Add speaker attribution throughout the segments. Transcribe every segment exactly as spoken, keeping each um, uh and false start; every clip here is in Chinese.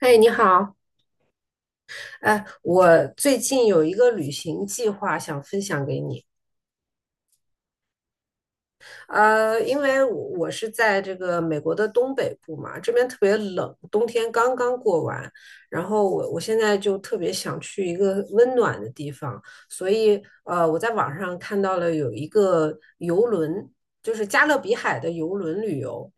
Speaker 1: 哎，你好，哎，我最近有一个旅行计划想分享给你。呃，因为我我是在这个美国的东北部嘛，这边特别冷，冬天刚刚过完，然后我我现在就特别想去一个温暖的地方，所以呃，我在网上看到了有一个游轮，就是加勒比海的游轮旅游。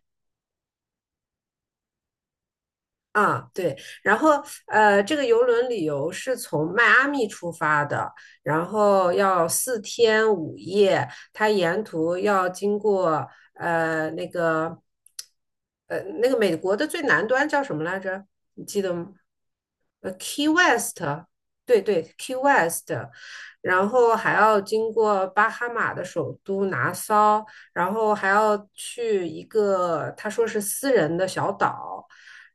Speaker 1: 啊，对，然后呃，这个游轮旅游是从迈阿密出发的，然后要四天五夜，它沿途要经过呃那个呃那个美国的最南端叫什么来着？你记得吗？呃，Key West，对对，Key West，然后还要经过巴哈马的首都拿骚，然后还要去一个他说是私人的小岛。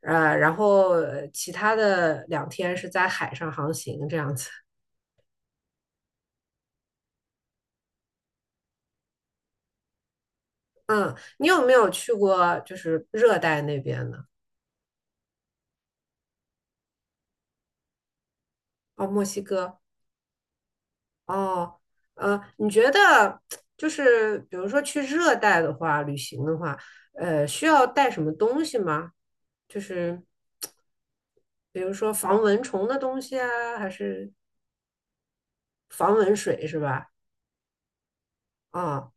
Speaker 1: 呃，然后呃其他的两天是在海上航行这样子。嗯，你有没有去过就是热带那边呢？哦，墨西哥。哦，呃，你觉得就是比如说去热带的话，旅行的话，呃，需要带什么东西吗？就是比如说防蚊虫的东西啊，还是防蚊水是吧？啊、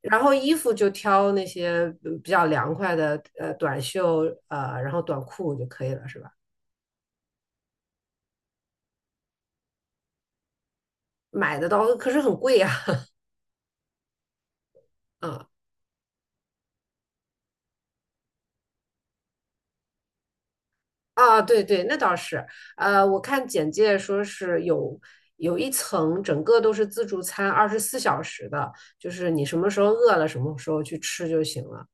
Speaker 1: 然后衣服就挑那些嗯比较凉快的，呃，短袖，呃，然后短裤就可以了，是吧？买的到可是很贵呀、啊，啊，对对，那倒是，呃，我看简介说是有有一层，整个都是自助餐，二十四小时的，就是你什么时候饿了，什么时候去吃就行了。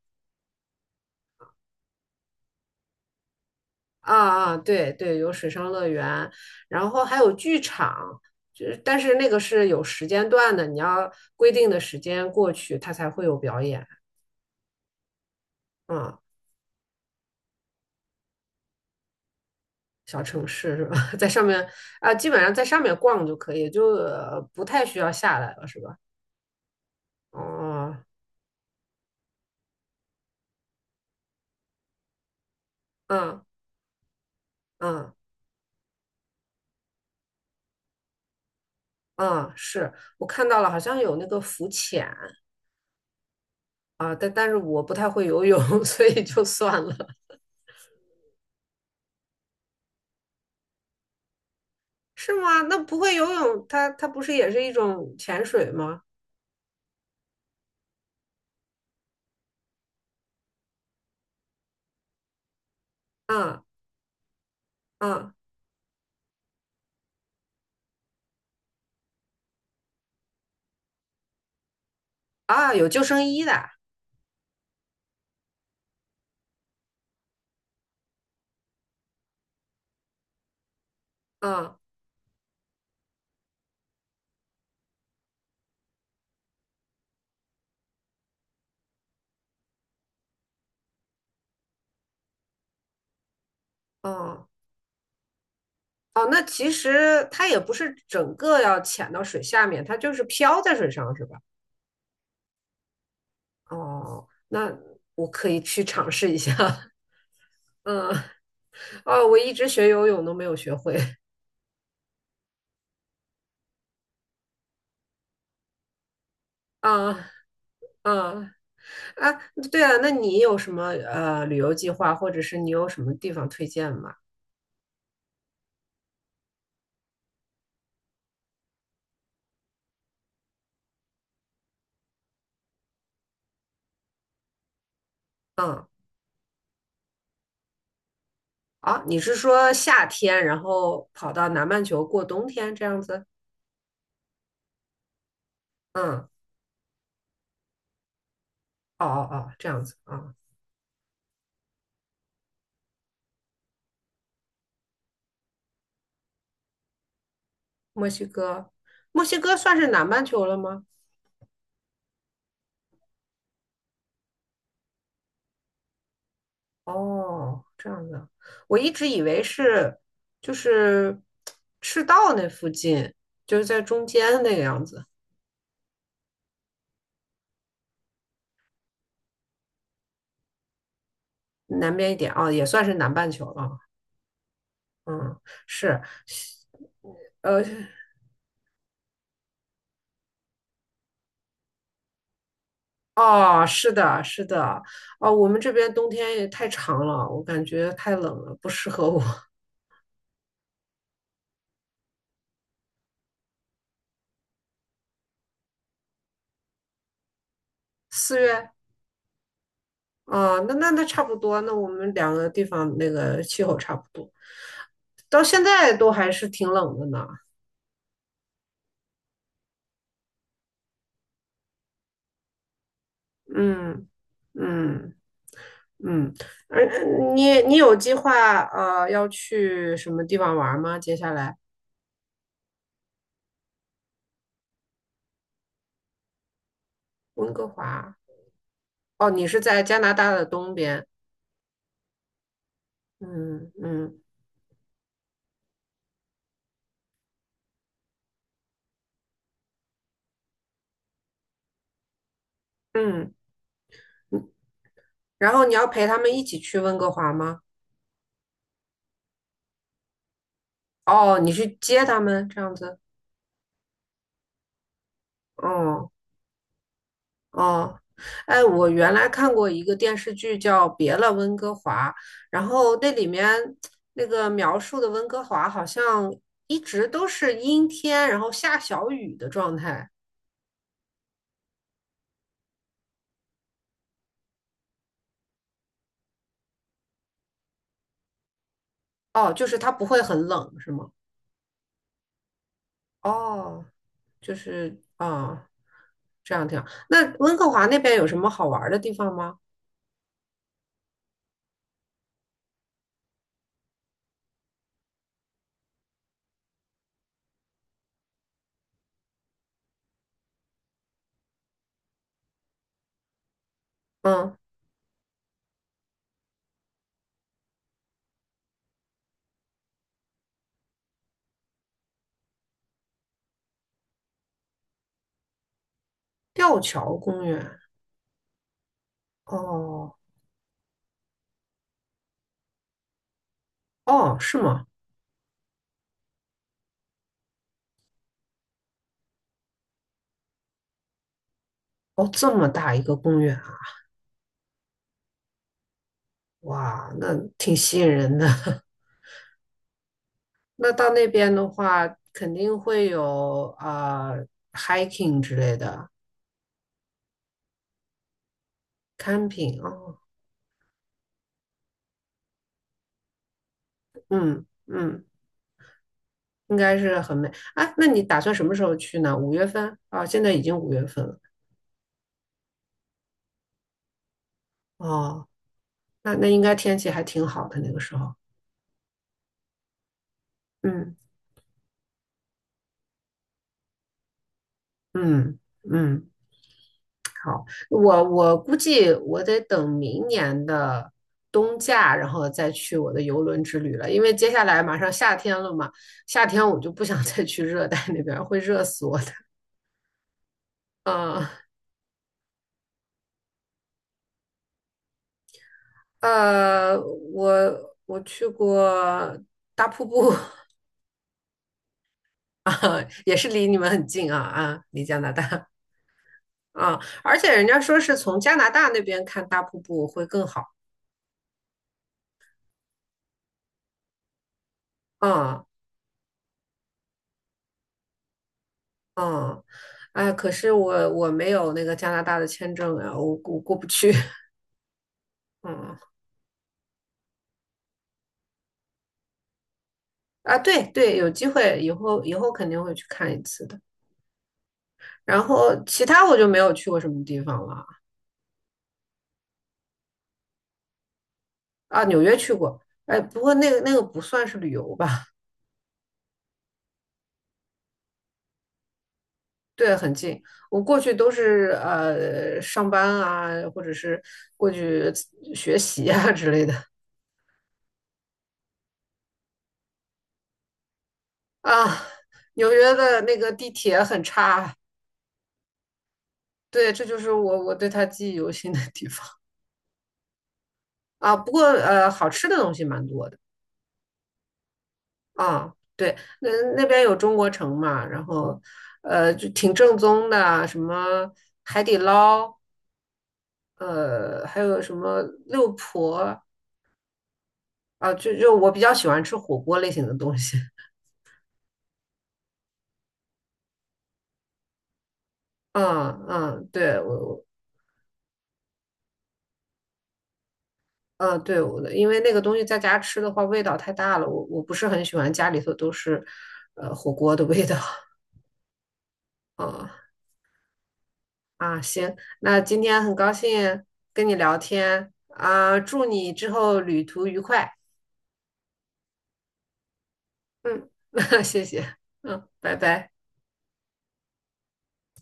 Speaker 1: 啊啊，对对，有水上乐园，然后还有剧场，就是但是那个是有时间段的，你要规定的时间过去，它才会有表演。啊，小城市是吧？在上面啊，基本上在上面逛就可以，就呃不太需要下来了，是吧？哦，嗯嗯嗯，是我看到了，好像有那个浮潜啊，但但是我不太会游泳，所以就算了。是吗？那不会游泳，它它不是也是一种潜水吗？嗯嗯啊，有救生衣的。嗯嗯哦，那其实它也不是整个要潜到水下面，它就是漂在水上，是吧？哦，那我可以去尝试一下。嗯，哦，我一直学游泳都没有学会。啊啊啊！对啊，那你有什么呃旅游计划，或者是你有什么地方推荐吗？嗯，啊，你是说夏天，然后跑到南半球过冬天这样子？嗯，哦哦哦，这样子啊。墨西哥，墨西哥算是南半球了吗？哦，这样的，我一直以为是就是赤道那附近，就是在中间那个样子，南边一点啊，也算是南半球了。嗯，是，呃，哦，是的，是的，哦，我们这边冬天也太长了，我感觉太冷了，不适合我。四月啊，那那那差不多，那我们两个地方那个气候差不多，到现在都还是挺冷的呢。嗯嗯。嗯，而你你有计划呃要去什么地方玩吗？接下来温哥华哦，你是在加拿大的东边，嗯嗯嗯，然后你要陪他们一起去温哥华吗？哦，你去接他们这样子，哦哦，哎，我原来看过一个电视剧叫《别了，温哥华》，然后那里面那个描述的温哥华好像一直都是阴天，然后下小雨的状态。哦，就是它不会很冷，是吗？哦，就是啊，这样挺好。那温哥华那边有什么好玩儿的地方吗？嗯，吊桥公园。哦哦，是吗？哦，这么大一个公园啊，哇，那挺吸引人的。那到那边的话，肯定会有啊、呃 hiking 之类的 camping 哦，嗯嗯，应该是很美。哎，那你打算什么时候去呢？五月份啊，现在已经五月份了。哦，那那应该天气还挺好的那个时候。嗯嗯嗯，好，我我估计我得等明年的冬假，然后再去我的游轮之旅了，因为接下来马上夏天了嘛，夏天我就不想再去热带那边儿，会热死我的。啊呃，我我去过大瀑布 啊，也是离你们很近啊啊，离加拿大啊，而且人家说是从加拿大那边看大瀑布会更好。啊。嗯，哎，可是我我没有那个加拿大的签证啊，我我过不去。嗯，啊，对对，有机会以后以后肯定会去看一次的。然后其他我就没有去过什么地方了啊，纽约去过，哎，不过那个那个不算是旅游吧？对，很近。我过去都是呃上班啊，或者是过去学习啊之类的啊。纽约的那个地铁很差，对，这就是我我对它记忆犹新的地方。啊，不过呃，好吃的东西蛮多的啊。对，那那边有中国城嘛，然后呃，就挺正宗的，什么海底捞，呃，还有什么六婆啊，就就我比较喜欢吃火锅类型的东西。嗯嗯，对我，我嗯对我的，因为那个东西在家吃的话味道太大了，我我不是很喜欢家里头都是呃火锅的味道。啊。啊，行，那今天很高兴跟你聊天啊，祝你之后旅途愉快。嗯，谢谢，嗯，拜拜。